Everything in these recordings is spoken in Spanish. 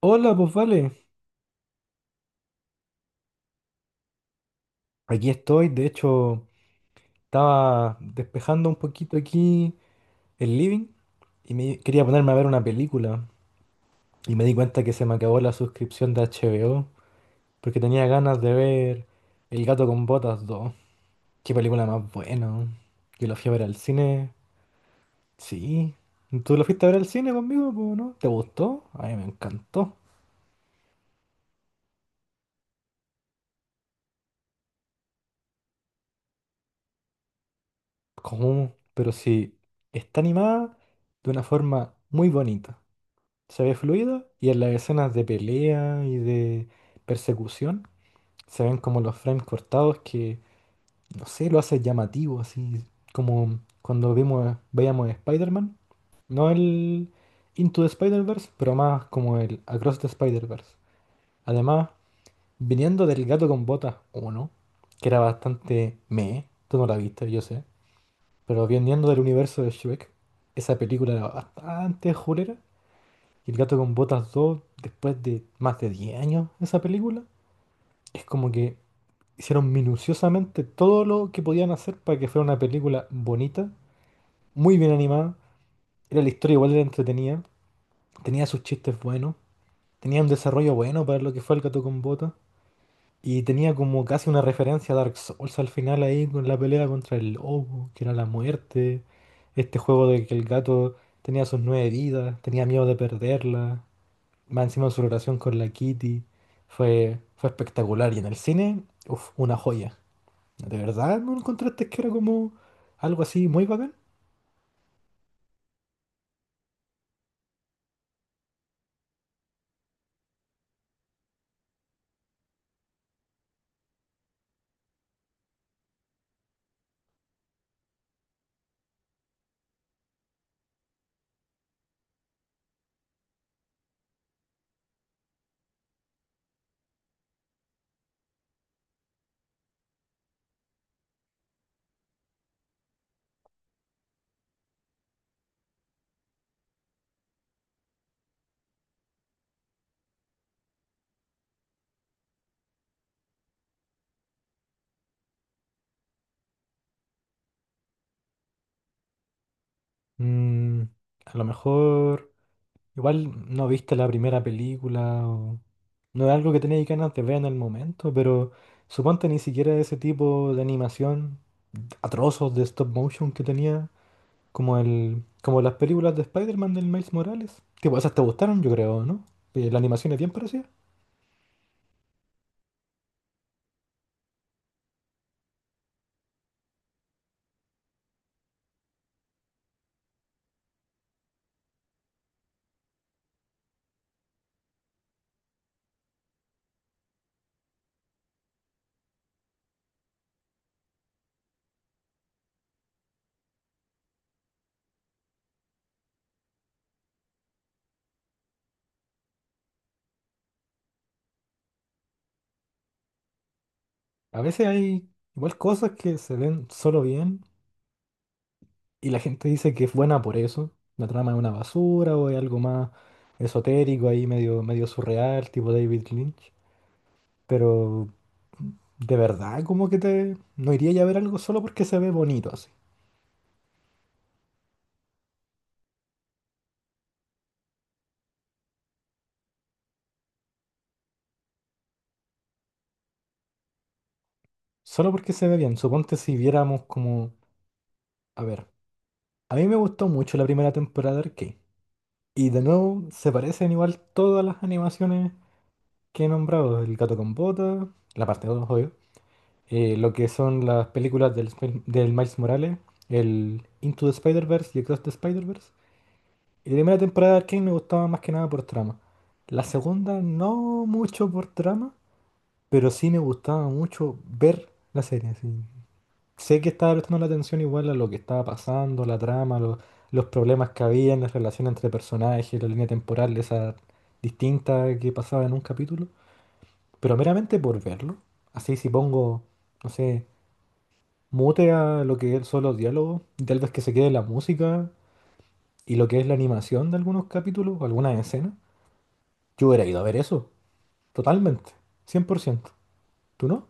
Hola, pues vale. Aquí estoy, de hecho, estaba despejando un poquito aquí el living y me quería ponerme a ver una película y me di cuenta que se me acabó la suscripción de HBO porque tenía ganas de ver El gato con botas dos. Qué película más buena, ¿no? Yo la fui a ver al cine. Sí. ¿Tú la fuiste a ver al cine conmigo, pues, no? ¿Te gustó? A mí me encantó. ¿Cómo? Pero sí, está animada de una forma muy bonita. Se ve fluido y en las escenas de pelea y de persecución se ven como los frames cortados que, no sé, lo hace llamativo, así como cuando veíamos Spider-Man. No el Into the Spider-Verse, pero más como el Across the Spider-Verse. Además, viniendo del gato con botas 1, que era bastante meh, tú no la viste, yo sé, pero viniendo del universo de Shrek, esa película era bastante julera. Y El gato con botas dos, después de más de 10 años esa película, es como que hicieron minuciosamente todo lo que podían hacer para que fuera una película bonita, muy bien animada. Era la historia, igual era entretenida, tenía sus chistes buenos, tenía un desarrollo bueno para lo que fue El gato con botas. Y tenía como casi una referencia a Dark Souls al final ahí con la pelea contra el lobo, que era la muerte. Este juego de que el gato tenía sus nueve vidas, tenía miedo de perderla. Más encima su relación con la Kitty fue espectacular. Y en el cine, uf, una joya. ¿De verdad no encontraste que era como algo así muy bacán? Mm, a lo mejor igual no viste la primera película o no es algo que tenías ganas de ver en el momento, pero suponte ni siquiera ese tipo de animación atrozos de stop motion que tenía, como las películas de Spider-Man del Miles Morales. Tipo, esas te gustaron, yo creo, ¿no? La animación es bien parecida. A veces hay igual cosas que se ven solo bien y la gente dice que es buena por eso. La trama es una basura o es algo más esotérico ahí, medio surreal, tipo David Lynch. Pero de verdad, como que te... No iría ya a ver algo solo porque se ve bonito así. Solo porque se ve bien. Suponte si viéramos como... A ver, a mí me gustó mucho la primera temporada de Arcane. Y de nuevo se parecen igual todas las animaciones que he nombrado. El gato con botas, la parte 2, lo que son las películas del Miles Morales, el Into the Spider-Verse y Across the Spider-Verse. Y la primera temporada de Arcane me gustaba más que nada por trama. La segunda no mucho por trama, pero sí me gustaba mucho ver la serie. Sí. Sé que estaba prestando la atención igual a lo que estaba pasando, la trama, los problemas que había en la relación entre personajes, la línea temporal esa distinta que pasaba en un capítulo. Pero meramente por verlo. Así si pongo, no sé, mute a lo que son los diálogos, y tal vez que se quede la música y lo que es la animación de algunos capítulos o algunas escenas. Yo hubiera ido a ver eso, totalmente, cien por ciento. ¿Tú no?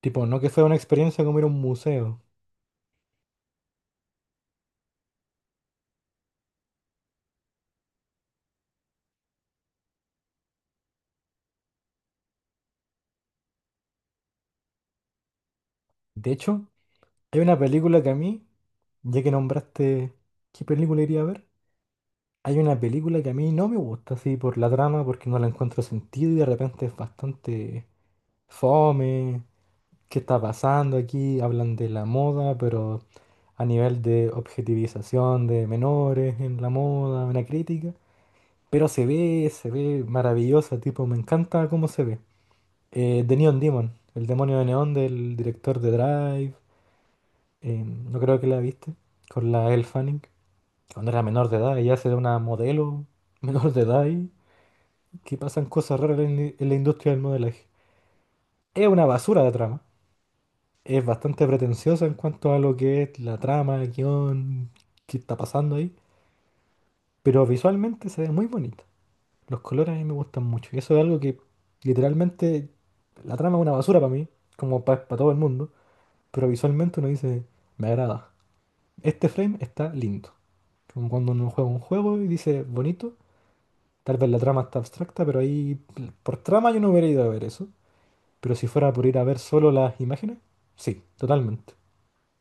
Tipo, no que fuera una experiencia como ir a un museo. De hecho, hay una película que a mí, ya que nombraste qué película iría a ver, hay una película que a mí no me gusta así por la trama, porque no la encuentro sentido y de repente es bastante fome. Qué está pasando aquí, hablan de la moda, pero a nivel de objetivización de menores en la moda, una crítica. Pero se ve maravillosa, tipo, me encanta cómo se ve. The Neon Demon, el demonio de neón del director de Drive, no creo que la viste, con la Elle Fanning, cuando era menor de edad, ella se una modelo menor de edad y que pasan cosas raras en la industria del modelaje. Es una basura de trama, es bastante pretenciosa en cuanto a lo que es la trama, el guión, qué está pasando ahí, pero visualmente se ve muy bonita. Los colores a mí me gustan mucho y eso es algo que literalmente la trama es una basura para mí, como para todo el mundo, pero visualmente uno dice, me agrada. Este frame está lindo. Como cuando uno juega un juego y dice, bonito, tal vez la trama está abstracta, pero ahí por trama yo no hubiera ido a ver eso. Pero si fuera por ir a ver solo las imágenes, sí, totalmente.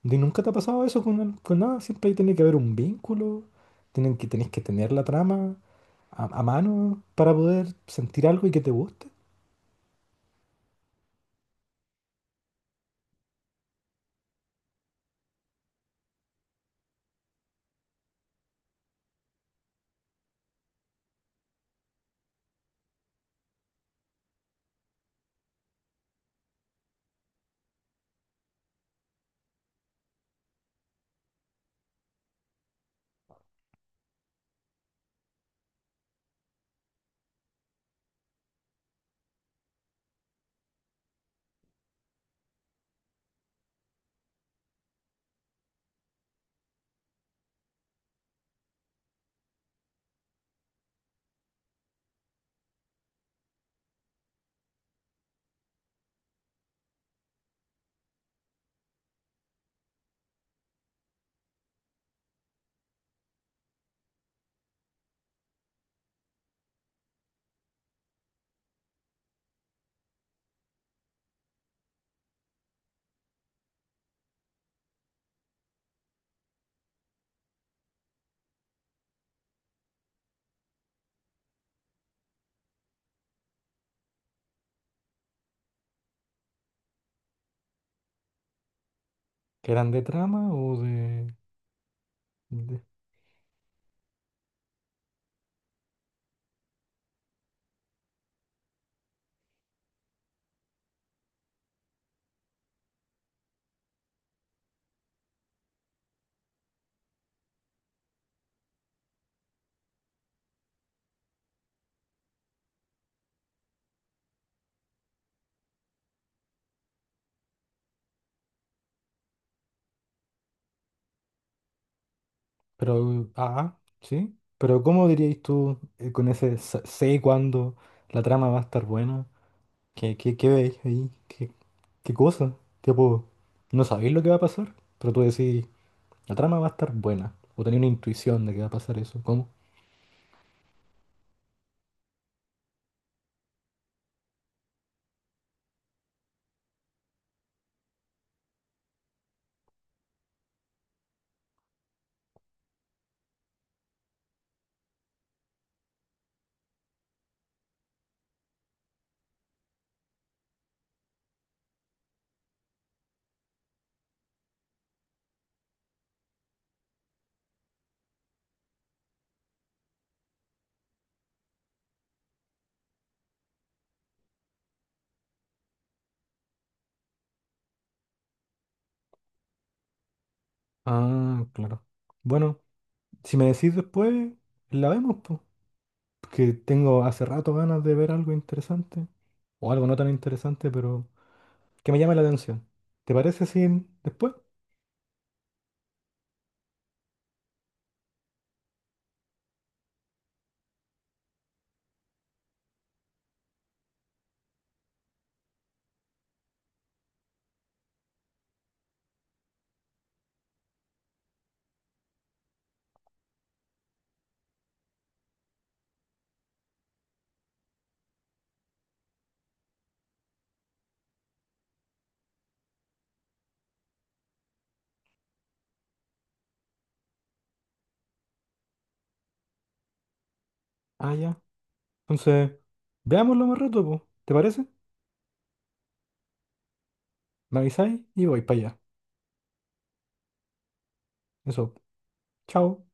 ¿Y nunca te ha pasado eso con, con nada? Siempre ahí tiene que haber un vínculo, tenés que tener la trama a mano para poder sentir algo y que te guste. ¿Que eran de trama o de...? de- Pero, ah, sí. Pero ¿cómo diríais tú, con ese sé cuándo la trama va a estar buena? Qué veis ahí? Qué cosa? Tipo, no sabéis lo que va a pasar, pero tú decís, la trama va a estar buena. O tenéis una intuición de que va a pasar eso. ¿Cómo? Ah, claro. Bueno. Si me decís después, la vemos, pues. Que tengo hace rato ganas de ver algo interesante. O algo no tan interesante, pero que me llame la atención. ¿Te parece si después? Ah, ya. Entonces, veámoslo más rato, pues. ¿Te parece? Me avisáis y voy para allá. Eso. Chao.